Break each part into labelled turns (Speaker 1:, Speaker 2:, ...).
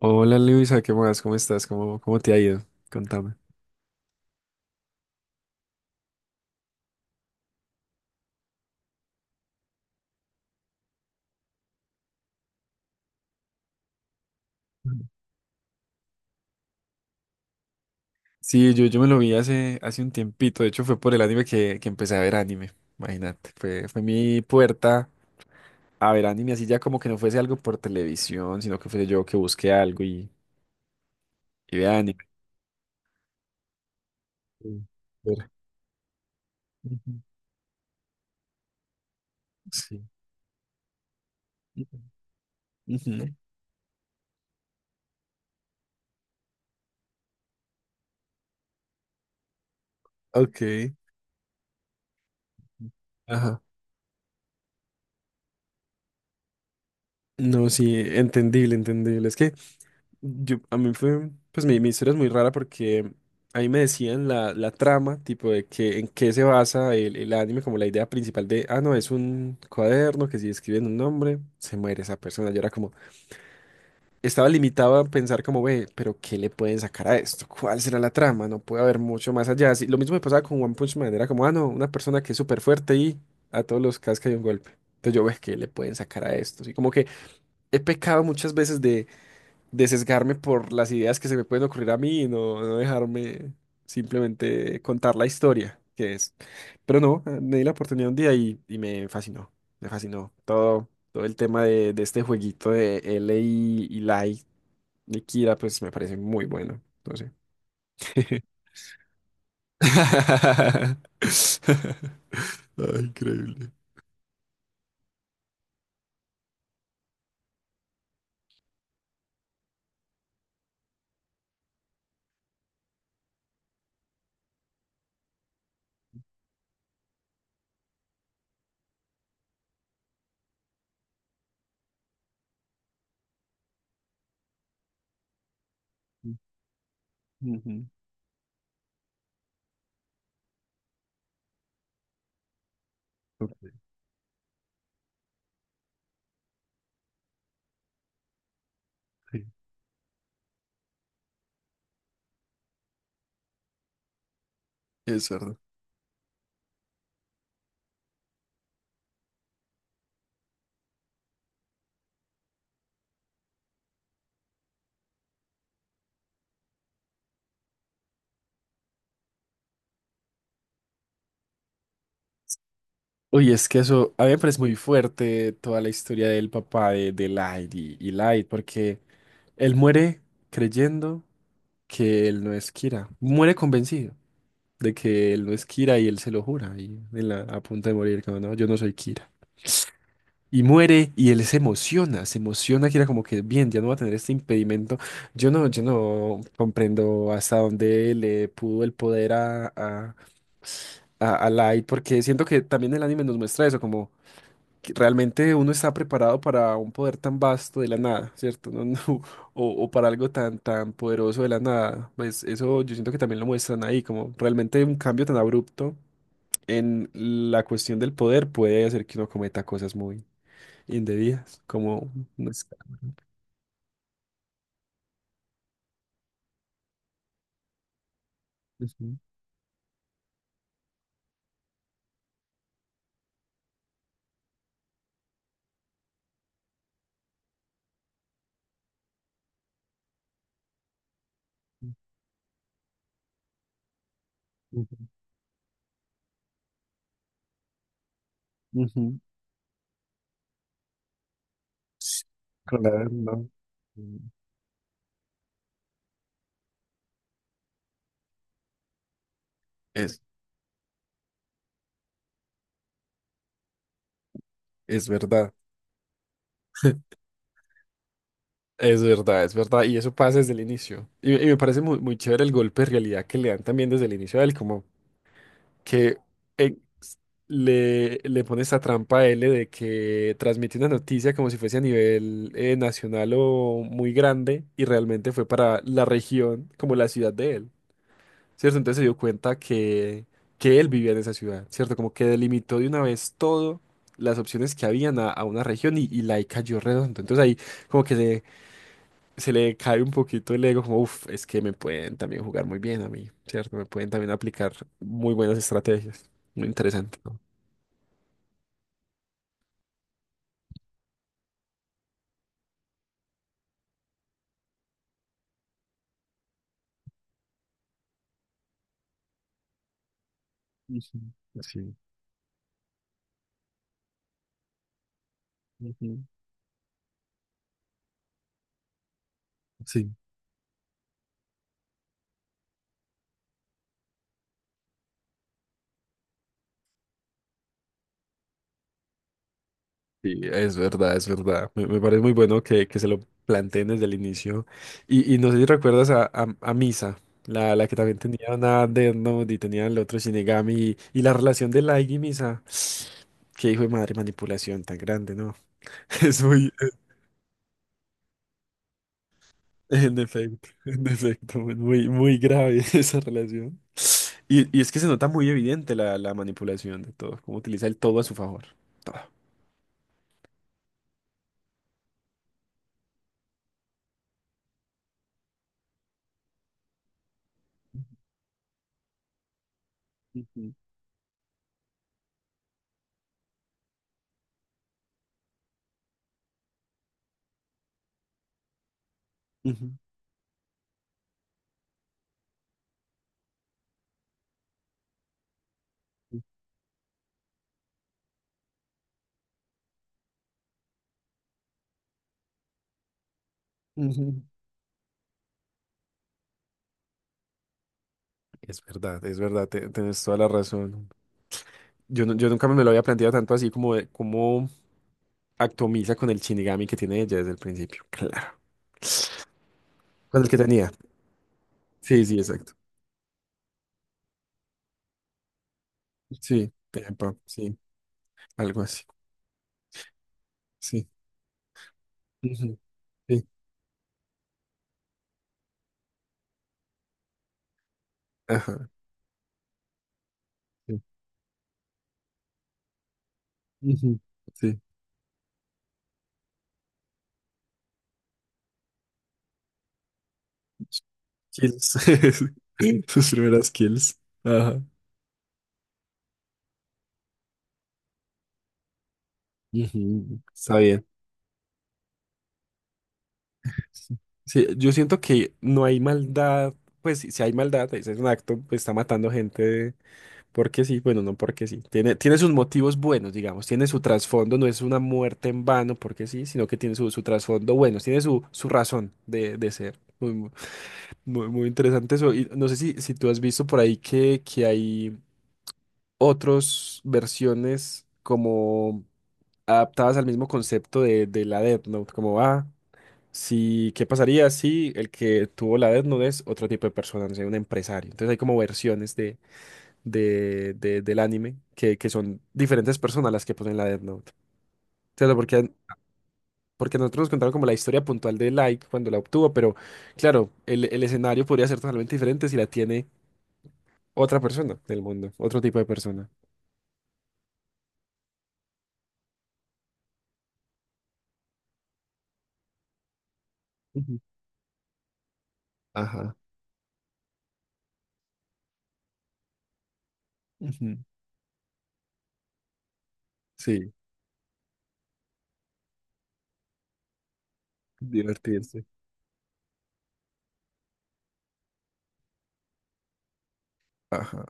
Speaker 1: Hola Luisa, ¿qué más? ¿Cómo estás? ¿Cómo te ha ido? Contame. Ujú. Sí, yo me lo vi hace un tiempito. De hecho, fue por el anime que empecé a ver anime. Imagínate. Fue mi puerta a ver anime, así ya como que no fuese algo por televisión, sino que fuese yo que busqué algo y vea anime. Sí. Ver. Ujú. Sí. Ujú. Ok. Ajá. No, sí, entendible, entendible. Es que yo, a mí fue, pues mi historia es muy rara porque ahí me decían la trama, tipo de que en qué se basa el anime, como la idea principal de, ah, no, es un cuaderno que si escriben un nombre, se muere esa persona. Yo era como, estaba limitado a pensar como, ve, pero ¿qué le pueden sacar a esto? ¿Cuál será la trama? No puede haber mucho más allá. Lo mismo me pasaba con One Punch Man, era como, ah, no, una persona que es súper fuerte y a todos los casca de un golpe. Entonces yo, ve, ¿qué le pueden sacar a esto? Así como que he pecado muchas veces de sesgarme por las ideas que se me pueden ocurrir a mí y no, no dejarme simplemente contar la historia que es. Pero no, me di la oportunidad un día y me fascinó todo, todo el tema de este jueguito de L y Light de Kira, pues me parece muy bueno. No sé. Ah, increíble. Ujú. Ok. Es verdad. Uy, es que eso, a mí me parece muy fuerte toda la historia del papá de Light y Light, porque él muere creyendo que él no es Kira, muere convencido de que él no es Kira y él se lo jura, y a punto de morir, como no, yo no soy Kira. Y muere y él se emociona Kira como que bien, ya no va a tener este impedimento. Yo no comprendo hasta dónde le pudo el poder a, a Light, porque siento que también el anime nos muestra eso, como... que realmente uno está preparado para un poder tan vasto de la nada, ¿cierto? No, no, o para algo tan, tan poderoso de la nada. Pues eso yo siento que también lo muestran ahí, como realmente un cambio tan abrupto en la cuestión del poder puede hacer que uno cometa cosas muy indebidas, como... no sé. Ujú, ujú, ujú. Claro, no. Mm. Es, es verdad. Es verdad, es verdad. Y eso pasa desde el inicio. Y me parece muy, muy chévere el golpe de realidad que le dan también desde el inicio a él, como que eh, s- le, le pone esta trampa a él de que transmite una noticia como si fuese a nivel nacional o muy grande y realmente fue para la región, como la ciudad de él, ¿cierto? Entonces se dio cuenta que él vivía en esa ciudad, ¿cierto? Como que delimitó de una vez todo las opciones que habían a una región y la ahí cayó redondo. Entonces ahí como que se le cae un poquito el ego, como, uff, es que me pueden también jugar muy bien a mí, ¿cierto? Me pueden también aplicar muy buenas estrategias. Muy interesante, ¿no? Ujú. Sí. Ujú. Sí. Sí, es verdad, es verdad. Me parece muy bueno que se lo planteen desde el inicio. Y no sé si recuerdas a Misa, la que también tenía una Death Note y tenía el otro Shinigami. Y la relación de Light y Misa. Qué hijo de madre, manipulación tan grande, ¿no? Es muy, en efecto, en efecto, muy, muy grave esa relación. Y es que se nota muy evidente la manipulación de todo, cómo utiliza el todo a su favor. Todo. Ujú, ujú, ujú. Es verdad, tienes toda la razón. Yo nunca me lo había planteado tanto así como de cómo atomiza con el Shinigami que tiene ella desde el principio. Claro. Con el que tenía. Sí, sí, exacto. Sí, epa, sí, algo así. Sí. Ujú. Sí. Ajá. Sí. Ujú, sí. Kills. Sus primeras kills. Ajá. Ujú. Está bien. Sí, sí, yo siento que no hay maldad, pues si hay maldad, ese es un acto, pues, está matando gente porque sí, bueno, no porque sí. Tiene, tiene sus motivos buenos, digamos, tiene su trasfondo, no es una muerte en vano porque sí, sino que tiene su trasfondo bueno, tiene su razón de ser. Muy, muy, muy interesante eso. Y no sé si, si tú has visto por ahí que hay otras versiones como adaptadas al mismo concepto de la Death Note, como va. Si, ¿qué pasaría si el que tuvo la Death Note es otro tipo de persona, no sé, un empresario? Entonces hay como versiones de, del anime que son diferentes personas las que ponen la Death Note. Claro, porque, porque nosotros nos contaron como la historia puntual de Light cuando la obtuvo, pero claro, el escenario podría ser totalmente diferente si la tiene otra persona del mundo, otro tipo de persona. Ujú. Ajá. Ujú. Sí, divertirse. Ajá.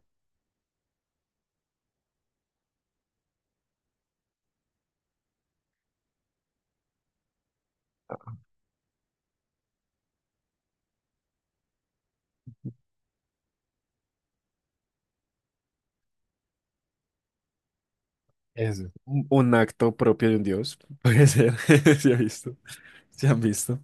Speaker 1: Eso. Un acto propio de un dios, puede ser, sí he visto. ¿Se han visto?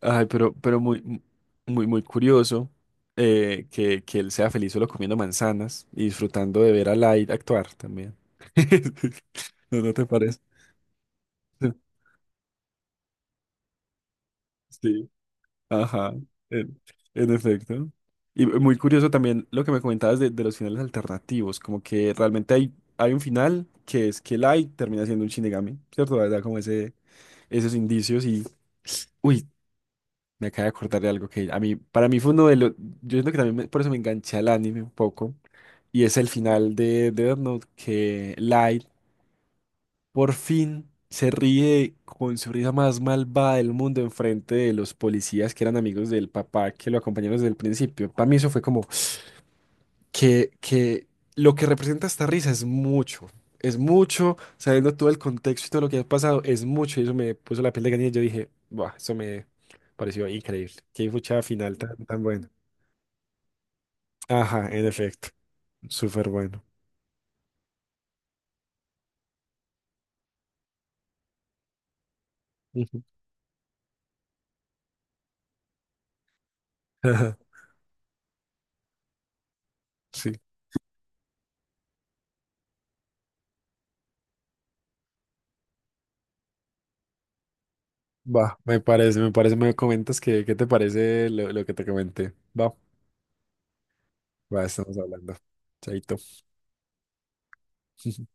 Speaker 1: Ay, pero muy, muy, muy curioso que él sea feliz solo comiendo manzanas y disfrutando de ver a Light actuar también. ¿No, no te parece? Sí, ajá, en, en efecto. Y muy curioso también lo que me comentabas de los finales alternativos, como que realmente hay, hay un final que es que Light termina siendo un Shinigami, ¿cierto? Da verdad, como ese, esos indicios y... Uy, me acabo de acordar de algo que a mí, para mí fue uno de los, yo siento que también por eso me enganché al anime un poco, y es el final de Death Note, que Light por fin se ríe con su risa más malvada del mundo enfrente de los policías que eran amigos del papá que lo acompañaron desde el principio. Para mí eso fue como, que lo que representa esta risa es mucho, sabiendo todo el contexto y todo lo que ha pasado, es mucho, y eso me puso la piel de gallina y yo dije, buah, eso me pareció increíble, qué fuchada final tan, tan bueno. Ajá, en efecto, súper bueno. Ujú. Ajá. Sí, va, me parece, me parece, me comentas que, qué te parece lo que te comenté. Va, va, estamos hablando. Chaito.